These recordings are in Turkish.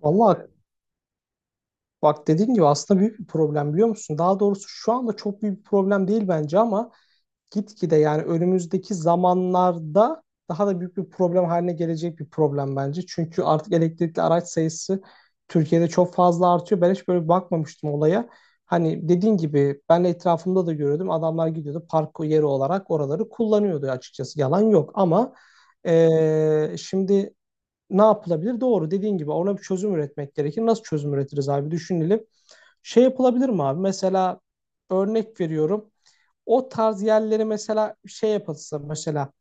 Vallahi bak dediğin gibi aslında büyük bir problem biliyor musun? Daha doğrusu şu anda çok büyük bir problem değil bence ama gitgide yani önümüzdeki zamanlarda daha da büyük bir problem haline gelecek bir problem bence. Çünkü artık elektrikli araç sayısı Türkiye'de çok fazla artıyor. Ben hiç böyle bakmamıştım olaya. Hani dediğin gibi ben de etrafımda da görüyordum. Adamlar gidiyordu park yeri olarak oraları kullanıyordu açıkçası. Yalan yok ama şimdi ne yapılabilir? Doğru dediğin gibi ona bir çözüm üretmek gerekir. Nasıl çözüm üretiriz abi düşünelim. Şey yapılabilir mi abi? Mesela örnek veriyorum. O tarz yerleri mesela şey yapılsa mesela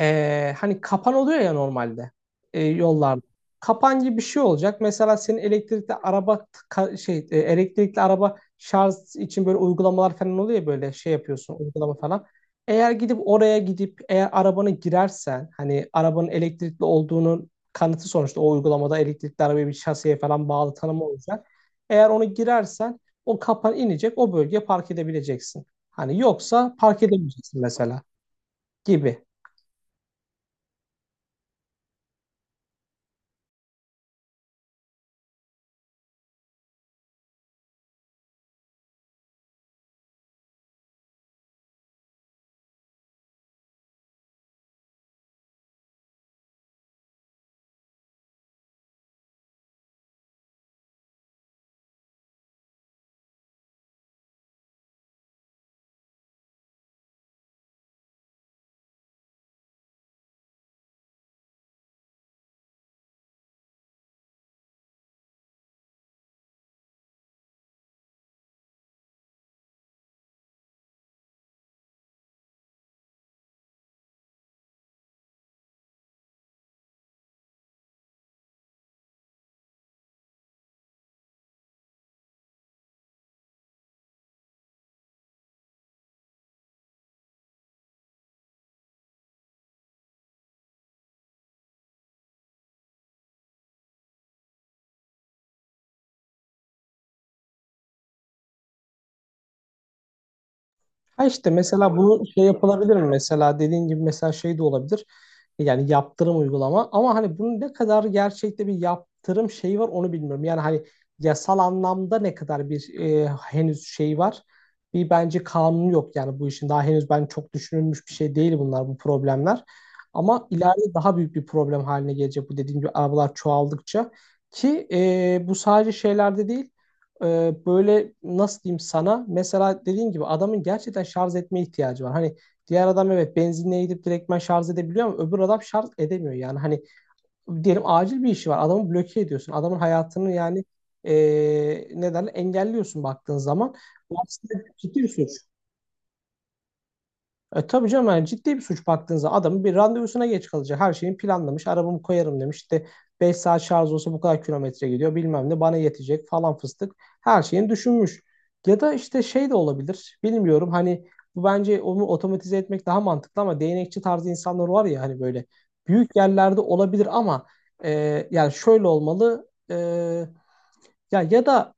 hani kapan oluyor ya normalde yollarda. Kapan gibi bir şey olacak. Mesela senin elektrikli araba şey elektrikli araba şarj için böyle uygulamalar falan oluyor ya böyle şey yapıyorsun uygulama falan. Eğer gidip oraya gidip eğer arabanı girersen hani arabanın elektrikli olduğunun kanıtı sonuçta o uygulamada elektrikli arabaya bir şaseye falan bağlı tanımı olacak. Eğer onu girersen o kapan inecek o bölgeye park edebileceksin. Hani yoksa park edemeyeceksin mesela gibi. Ha işte mesela bunu şey yapılabilir mi? Mesela dediğin gibi mesela şey de olabilir. Yani yaptırım uygulama. Ama hani bunun ne kadar gerçekte bir yaptırım şeyi var onu bilmiyorum. Yani hani yasal anlamda ne kadar bir henüz şey var. Bir bence kanun yok yani bu işin. Daha henüz ben çok düşünülmüş bir şey değil bunlar bu problemler. Ama ileride daha büyük bir problem haline gelecek bu dediğim gibi arabalar çoğaldıkça. Ki bu sadece şeylerde değil e, böyle nasıl diyeyim sana mesela dediğin gibi adamın gerçekten şarj etme ihtiyacı var. Hani diğer adam evet benzinliğe gidip direktmen şarj edebiliyor ama öbür adam şarj edemiyor. Yani hani diyelim acil bir işi var adamı bloke ediyorsun. Adamın hayatını yani e, neden engelliyorsun baktığın zaman. Bu aslında ciddi bir suç. E tabii canım yani ciddi bir suç baktığınızda adamın bir randevusuna geç kalacak. Her şeyini planlamış. Arabamı koyarım demiş. İşte 5 saat şarj olsa bu kadar kilometre gidiyor. Bilmem ne bana yetecek falan fıstık. Her şeyini düşünmüş. Ya da işte şey de olabilir. Bilmiyorum hani bu bence onu otomatize etmek daha mantıklı ama değnekçi tarzı insanlar var ya hani böyle büyük yerlerde olabilir ama yani şöyle olmalı. Ya da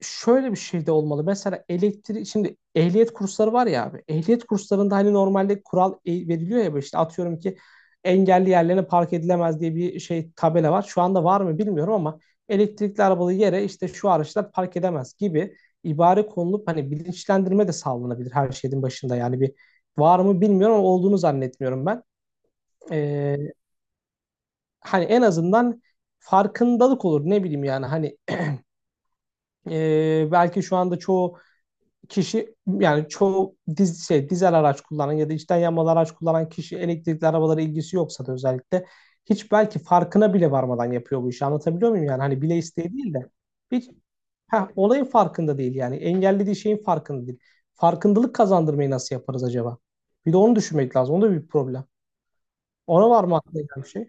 şöyle bir şey de olmalı. Mesela elektrik şimdi ehliyet kursları var ya abi. Ehliyet kurslarında hani normalde kural veriliyor ya işte atıyorum ki engelli yerlerine park edilemez diye bir şey tabela var. Şu anda var mı bilmiyorum ama elektrikli arabalı yere işte şu araçlar park edemez gibi ibare konulup hani bilinçlendirme de sağlanabilir her şeyin başında. Yani bir var mı bilmiyorum ama olduğunu zannetmiyorum ben. Ee, hani en azından farkındalık olur ne bileyim yani hani belki şu anda çoğu kişi yani çoğu dizel araç kullanan ya da içten yanmalı araç kullanan kişi elektrikli arabalara ilgisi yoksa da özellikle hiç belki farkına bile varmadan yapıyor bu işi anlatabiliyor muyum yani hani bile isteği değil de hiç heh, olayın farkında değil yani engellediği şeyin farkında değil. Farkındalık kazandırmayı nasıl yaparız acaba? Bir de onu düşünmek lazım. O da bir problem. Ona var mı aklına gelen bir şey?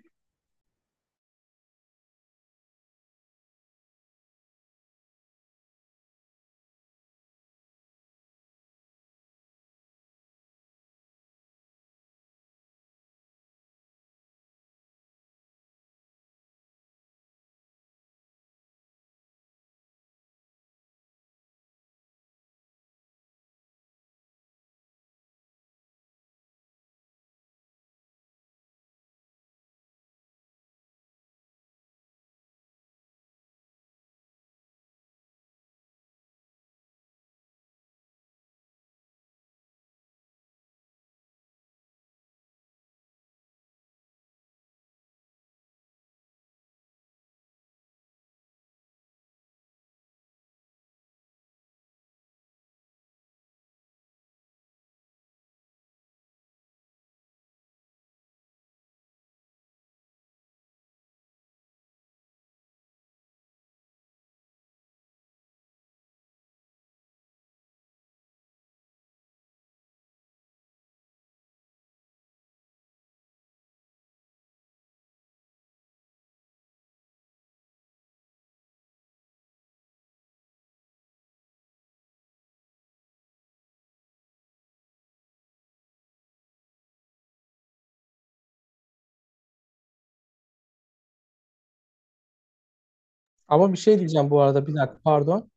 Ama bir şey diyeceğim bu arada bir dakika pardon.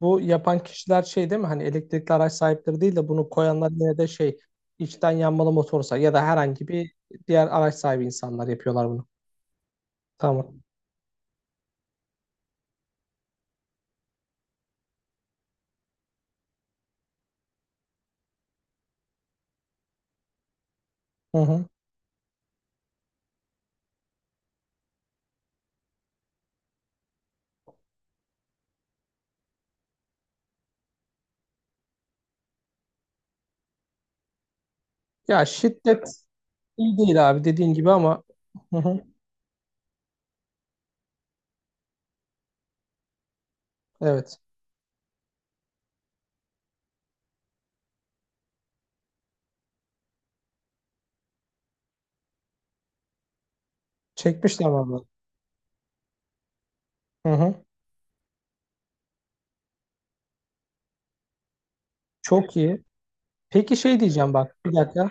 Bu yapan kişiler şey değil mi? Hani elektrikli araç sahipleri değil de bunu koyanlar yine de şey içten yanmalı motorsa ya da herhangi bir diğer araç sahibi insanlar yapıyorlar bunu. Tamam. Hı hı. Ya şiddet iyi değil abi dediğin gibi ama hı hı. Evet. Çekmişler vallahi. Hı hı. Çok iyi. Peki şey diyeceğim bak bir dakika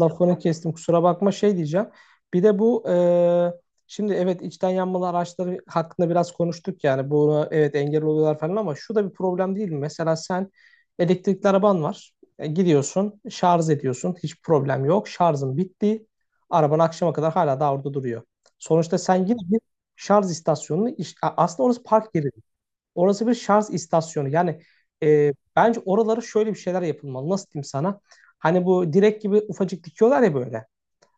lafını kestim kusura bakma şey diyeceğim. Bir de bu şimdi evet içten yanmalı araçları hakkında biraz konuştuk yani bu evet engel oluyorlar falan ama şu da bir problem değil mi? Mesela sen elektrikli araban var. Gidiyorsun şarj ediyorsun hiç problem yok şarjın bitti araban akşama kadar hala da orada duruyor. Sonuçta sen yine bir şarj istasyonunu aslında orası park yeri. Orası bir şarj istasyonu. Yani bence oraları şöyle bir şeyler yapılmalı. Nasıl diyeyim sana? Hani bu direk gibi ufacık dikiyorlar ya böyle.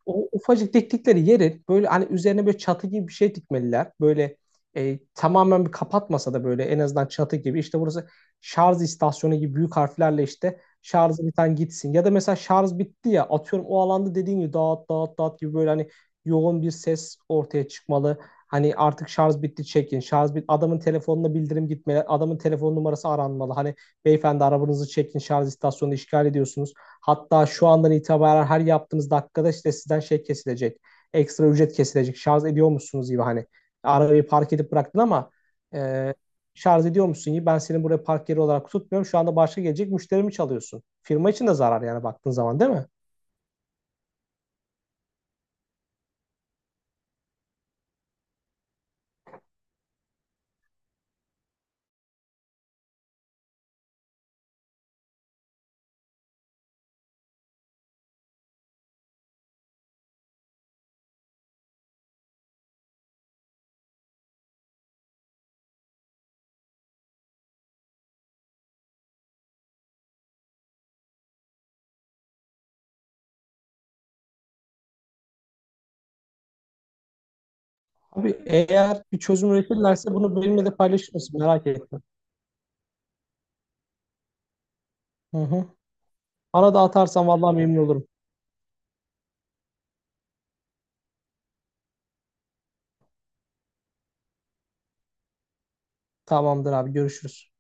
O ufacık diktikleri yerin böyle hani üzerine böyle çatı gibi bir şey dikmeliler. Böyle tamamen bir kapatmasa da böyle en azından çatı gibi işte burası şarj istasyonu gibi büyük harflerle işte şarjı biten gitsin. Ya da mesela şarj bitti ya atıyorum o alanda dediğin gibi dağıt dağıt dağıt gibi böyle hani yoğun bir ses ortaya çıkmalı. Hani artık şarj bitti çekin. Şarj bit adamın telefonuna bildirim gitmeli. Adamın telefon numarası aranmalı. Hani beyefendi arabanızı çekin şarj istasyonunu işgal ediyorsunuz. Hatta şu andan itibaren her yaptığınız dakikada işte sizden şey kesilecek. Ekstra ücret kesilecek. Şarj ediyor musunuz gibi hani. Arabayı park edip bıraktın ama e, şarj ediyor musun gibi. Ben seni buraya park yeri olarak tutmuyorum. Şu anda başka gelecek müşterimi çalıyorsun. Firma için de zarar yani baktığın zaman değil mi? Abi eğer bir çözüm üretirlerse bunu benimle de paylaşır mısın? Merak ettim. Hı hı. Bana da atarsan vallahi memnun olurum. Tamamdır abi görüşürüz.